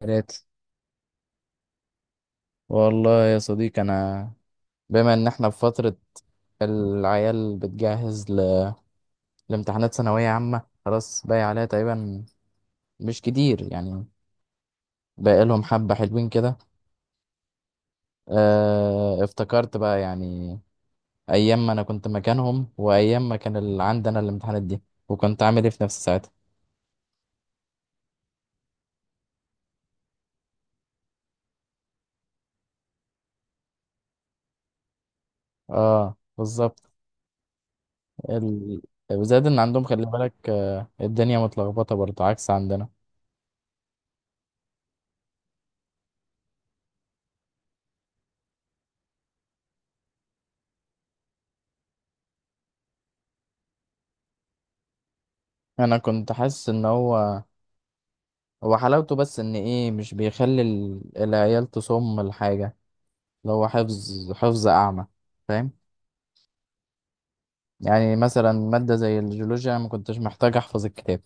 ثلاثة. والله يا صديقي، أنا بما إن إحنا في فترة العيال بتجهز لامتحانات ثانوية عامة، خلاص باقي عليها تقريبا مش كتير يعني، باقي لهم حبة حلوين كده. اه... افتكرت بقى، يعني أيام ما أنا كنت مكانهم وأيام ما كان عندنا الامتحانات دي، وكنت عامل إيه في نفسي ساعتها. اه، بالظبط. ال... وزاد إن عندهم، خلي بالك، الدنيا متلخبطة برضه عكس عندنا. أنا كنت حاسس إن هو حلاوته بس ان ايه، مش بيخلي العيال تصم الحاجة، اللي هو حفظ حفظ اعمى. فاهم؟ يعني مثلا مادة زي الجيولوجيا، أنا ما كنتش محتاج احفظ الكتاب.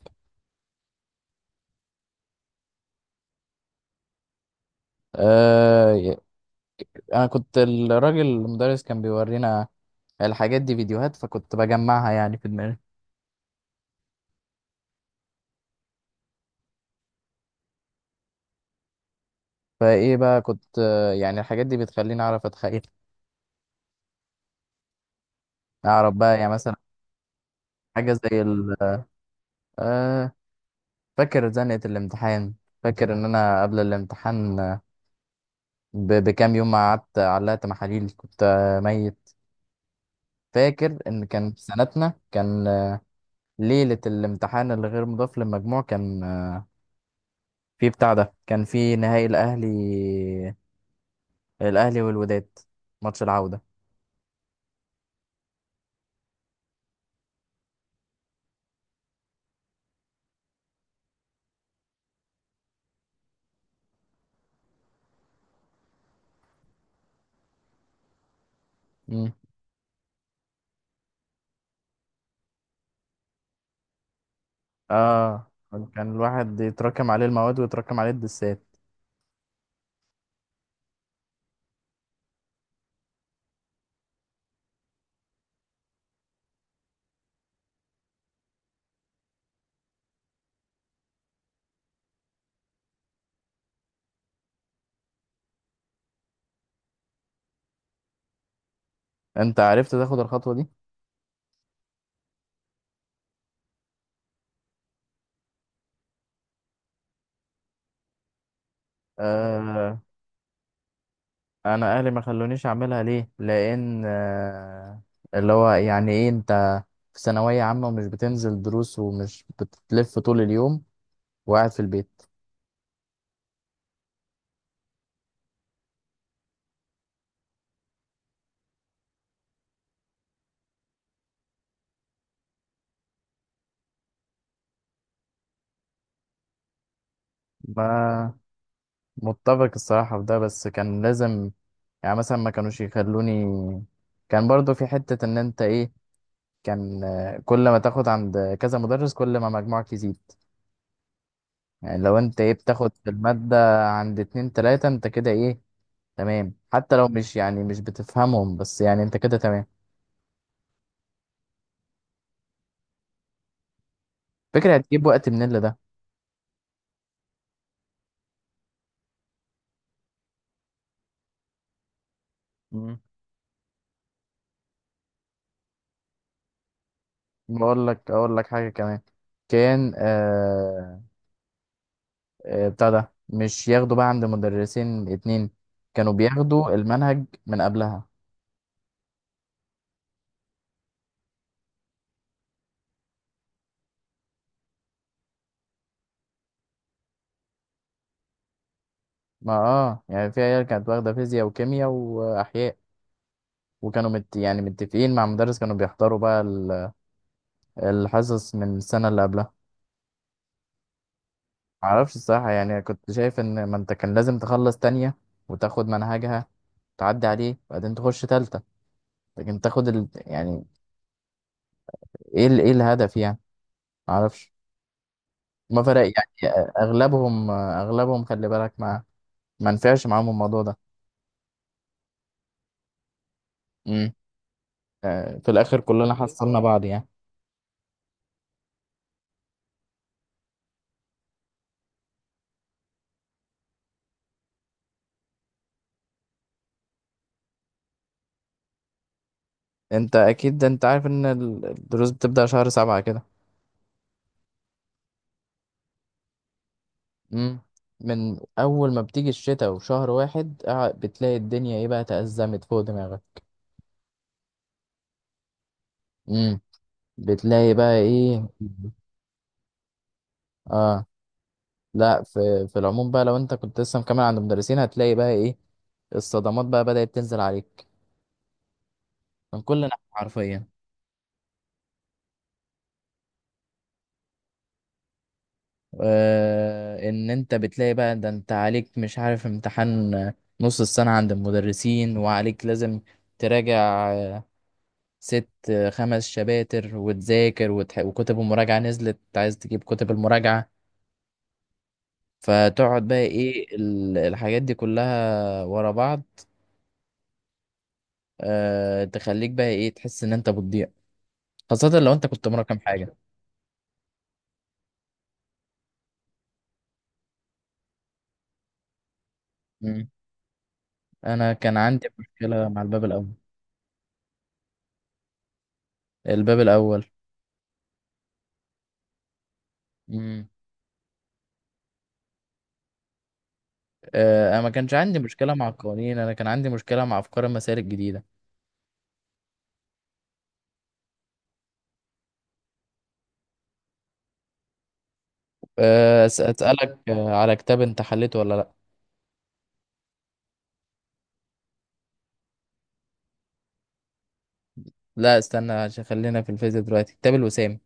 آه ي- انا كنت الراجل المدرس كان بيورينا الحاجات دي فيديوهات، فكنت بجمعها يعني في دماغي. فايه بقى، كنت يعني الحاجات دي بتخليني اعرف اتخيل، اعرف بقى يعني مثلا حاجة زي ال آه فاكر زنقة الامتحان. فاكر ان انا قبل الامتحان بكام يوم ما قعدت علقت محاليل، كنت ميت. فاكر ان كان في سنتنا كان ليلة الامتحان اللي غير مضاف للمجموع، كان في بتاع ده، كان في نهائي الاهلي، الاهلي والوداد، ماتش العودة. مم. اه، كان الواحد يتراكم عليه المواد ويتراكم عليه الدسات. انت عرفت تاخد الخطوة دي؟ آه، انا اهلي ما خلونيش اعملها ليه، لان اللي هو يعني ايه، انت في ثانويه عامه ومش بتنزل دروس ومش بتلف طول اليوم وقاعد في البيت. ما متفق الصراحه في ده، بس كان لازم، يعني مثلا ما كانوش يخلوني. كان برضو في حته ان انت ايه، كان كل ما تاخد عند كذا مدرس كل ما مجموعك يزيد. يعني لو انت ايه، بتاخد في الماده عند اتنين تلاته، انت كده ايه، تمام. حتى لو مش، يعني مش بتفهمهم، بس يعني انت كده تمام. فكرة، هتجيب وقت منين لده؟ مم. بقول لك اقول لك حاجه كمان. كان بتاع ده، مش ياخدوا بقى عند مدرسين اتنين، كانوا بياخدوا المنهج من قبلها. ما اه، يعني في عيال كانت واخده فيزياء وكيمياء واحياء، وكانوا يعني متفقين مع مدرس، كانوا بيحضروا بقى الحصص من السنه اللي قبلها. معرفش الصراحه، يعني كنت شايف ان ما انت كان لازم تخلص تانية وتاخد منهجها، تعدي عليه بعدين تخش تالتة. لكن تاخد يعني، ايه ايه الهدف يعني؟ معرفش. ما فرق، يعني اغلبهم اغلبهم خلي بالك، ما نفعش معاهم الموضوع ده. امم في الاخر كلنا حصلنا بعض يعني. انت اكيد انت عارف ان الدروس بتبدأ شهر سبعة كده. امم من اول ما بتيجي الشتاء وشهر واحد، بتلاقي الدنيا ايه بقى، تأزمت فوق دماغك. امم بتلاقي بقى ايه. اه لا، في العموم بقى، لو انت كنت لسه مكمل عند مدرسين، هتلاقي بقى ايه، الصدمات بقى بدأت تنزل عليك من كل ناحية حرفيا. ان انت بتلاقي بقى ده، انت عليك مش عارف امتحان نص السنة عند المدرسين، وعليك لازم تراجع آه، ست خمس شباتر وتذاكر وكتب المراجعة نزلت، عايز تجيب كتب المراجعة، فتقعد بقى ايه الحاجات دي كلها ورا بعض. أه، تخليك بقى ايه، تحس ان انت بتضيع، خاصة لو انت كنت مراكم حاجة. مم. انا كان عندي مشكلة مع الباب الاول. الباب الاول. مم. آه، انا ما كانش عندي مشكله مع القوانين، انا كان عندي مشكله مع افكار المسائل الجديده. اسالك على كتاب، انت حليته ولا لا؟ لا، استنى عشان خلينا في الفيزياء دلوقتي. كتاب الوسام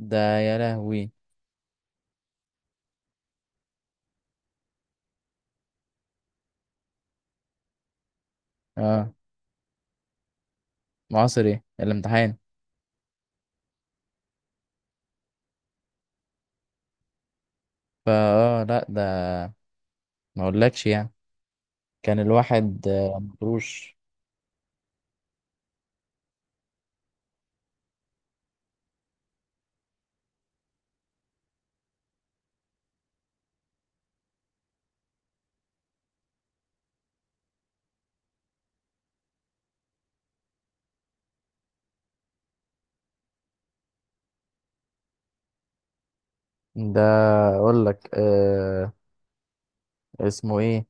ده يا لهوي. اه، معاصر. ايه الامتحان؟ فا لا ده، ما اقولكش يعني، كان الواحد مطروش. ده، اقول لك اسمه ايه،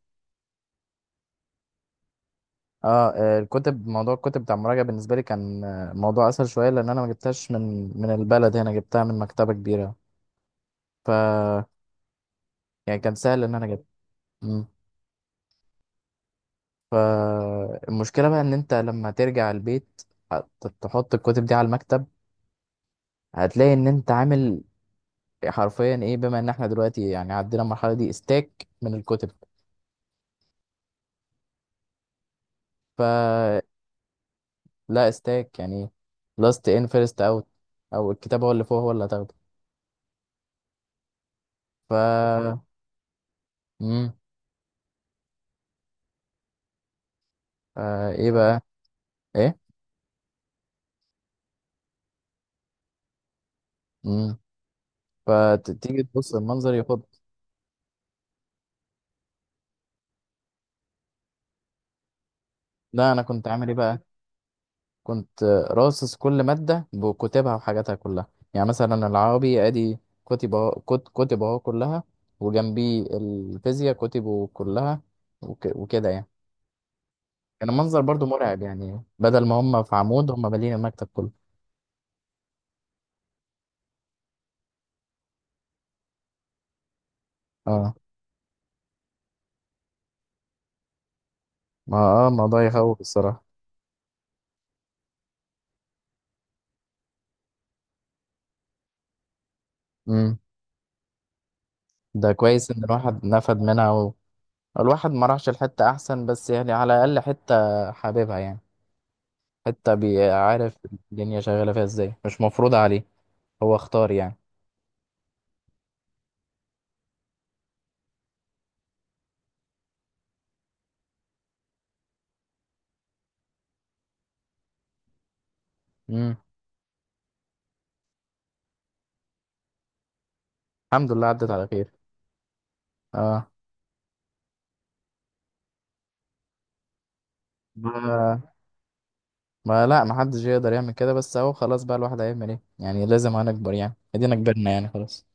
الكتب، موضوع الكتب بتاع المراجعه بالنسبه لي كان موضوع اسهل شويه، لان انا ما جبتهاش من البلد، هنا جبتها من مكتبه كبيره. ف، يعني كان سهل ان انا اجيبها. مم. فالمشكله بقى ان انت لما ترجع البيت، هت- تحط الكتب دي على المكتب، هتلاقي ان انت عامل حرفيا ايه، بما ان احنا دلوقتي يعني عدينا المرحله دي، استاك من الكتب. فلا، استاك يعني لاست ان فيرست اوت، او الكتاب هو اللي فوق هو اللي هتاخده. ف مم. ايه بقى ايه. مم. فتيجي تبص، المنظر يخض. لا، انا كنت عامل ايه بقى، كنت راصص كل مادة بكتبها وحاجاتها كلها. يعني مثلا العربي ادي كتب اهو، كتب اهو كلها، وجنبي الفيزياء كتبه كلها، وكده يعني. كان المنظر برضو مرعب، يعني بدل ما هم في عمود هم مالين المكتب كله. اه، ما الموضوع يخوف الصراحة. امم ده كويس ان الواحد نفد منها الواحد ما راحش الحتة احسن، بس يعني على الاقل حتة حاببها يعني، حتة بيعرف الدنيا شغالة فيها ازاي، مش مفروضة عليه، هو اختار يعني. مم. الحمد لله عدت على خير. اه، ما ما لا، ما حدش يقدر يعمل كده، بس اهو خلاص بقى، الواحد هيعمل ايه يعني، لازم هنكبر يعني، ادينا كبرنا يعني، خلاص.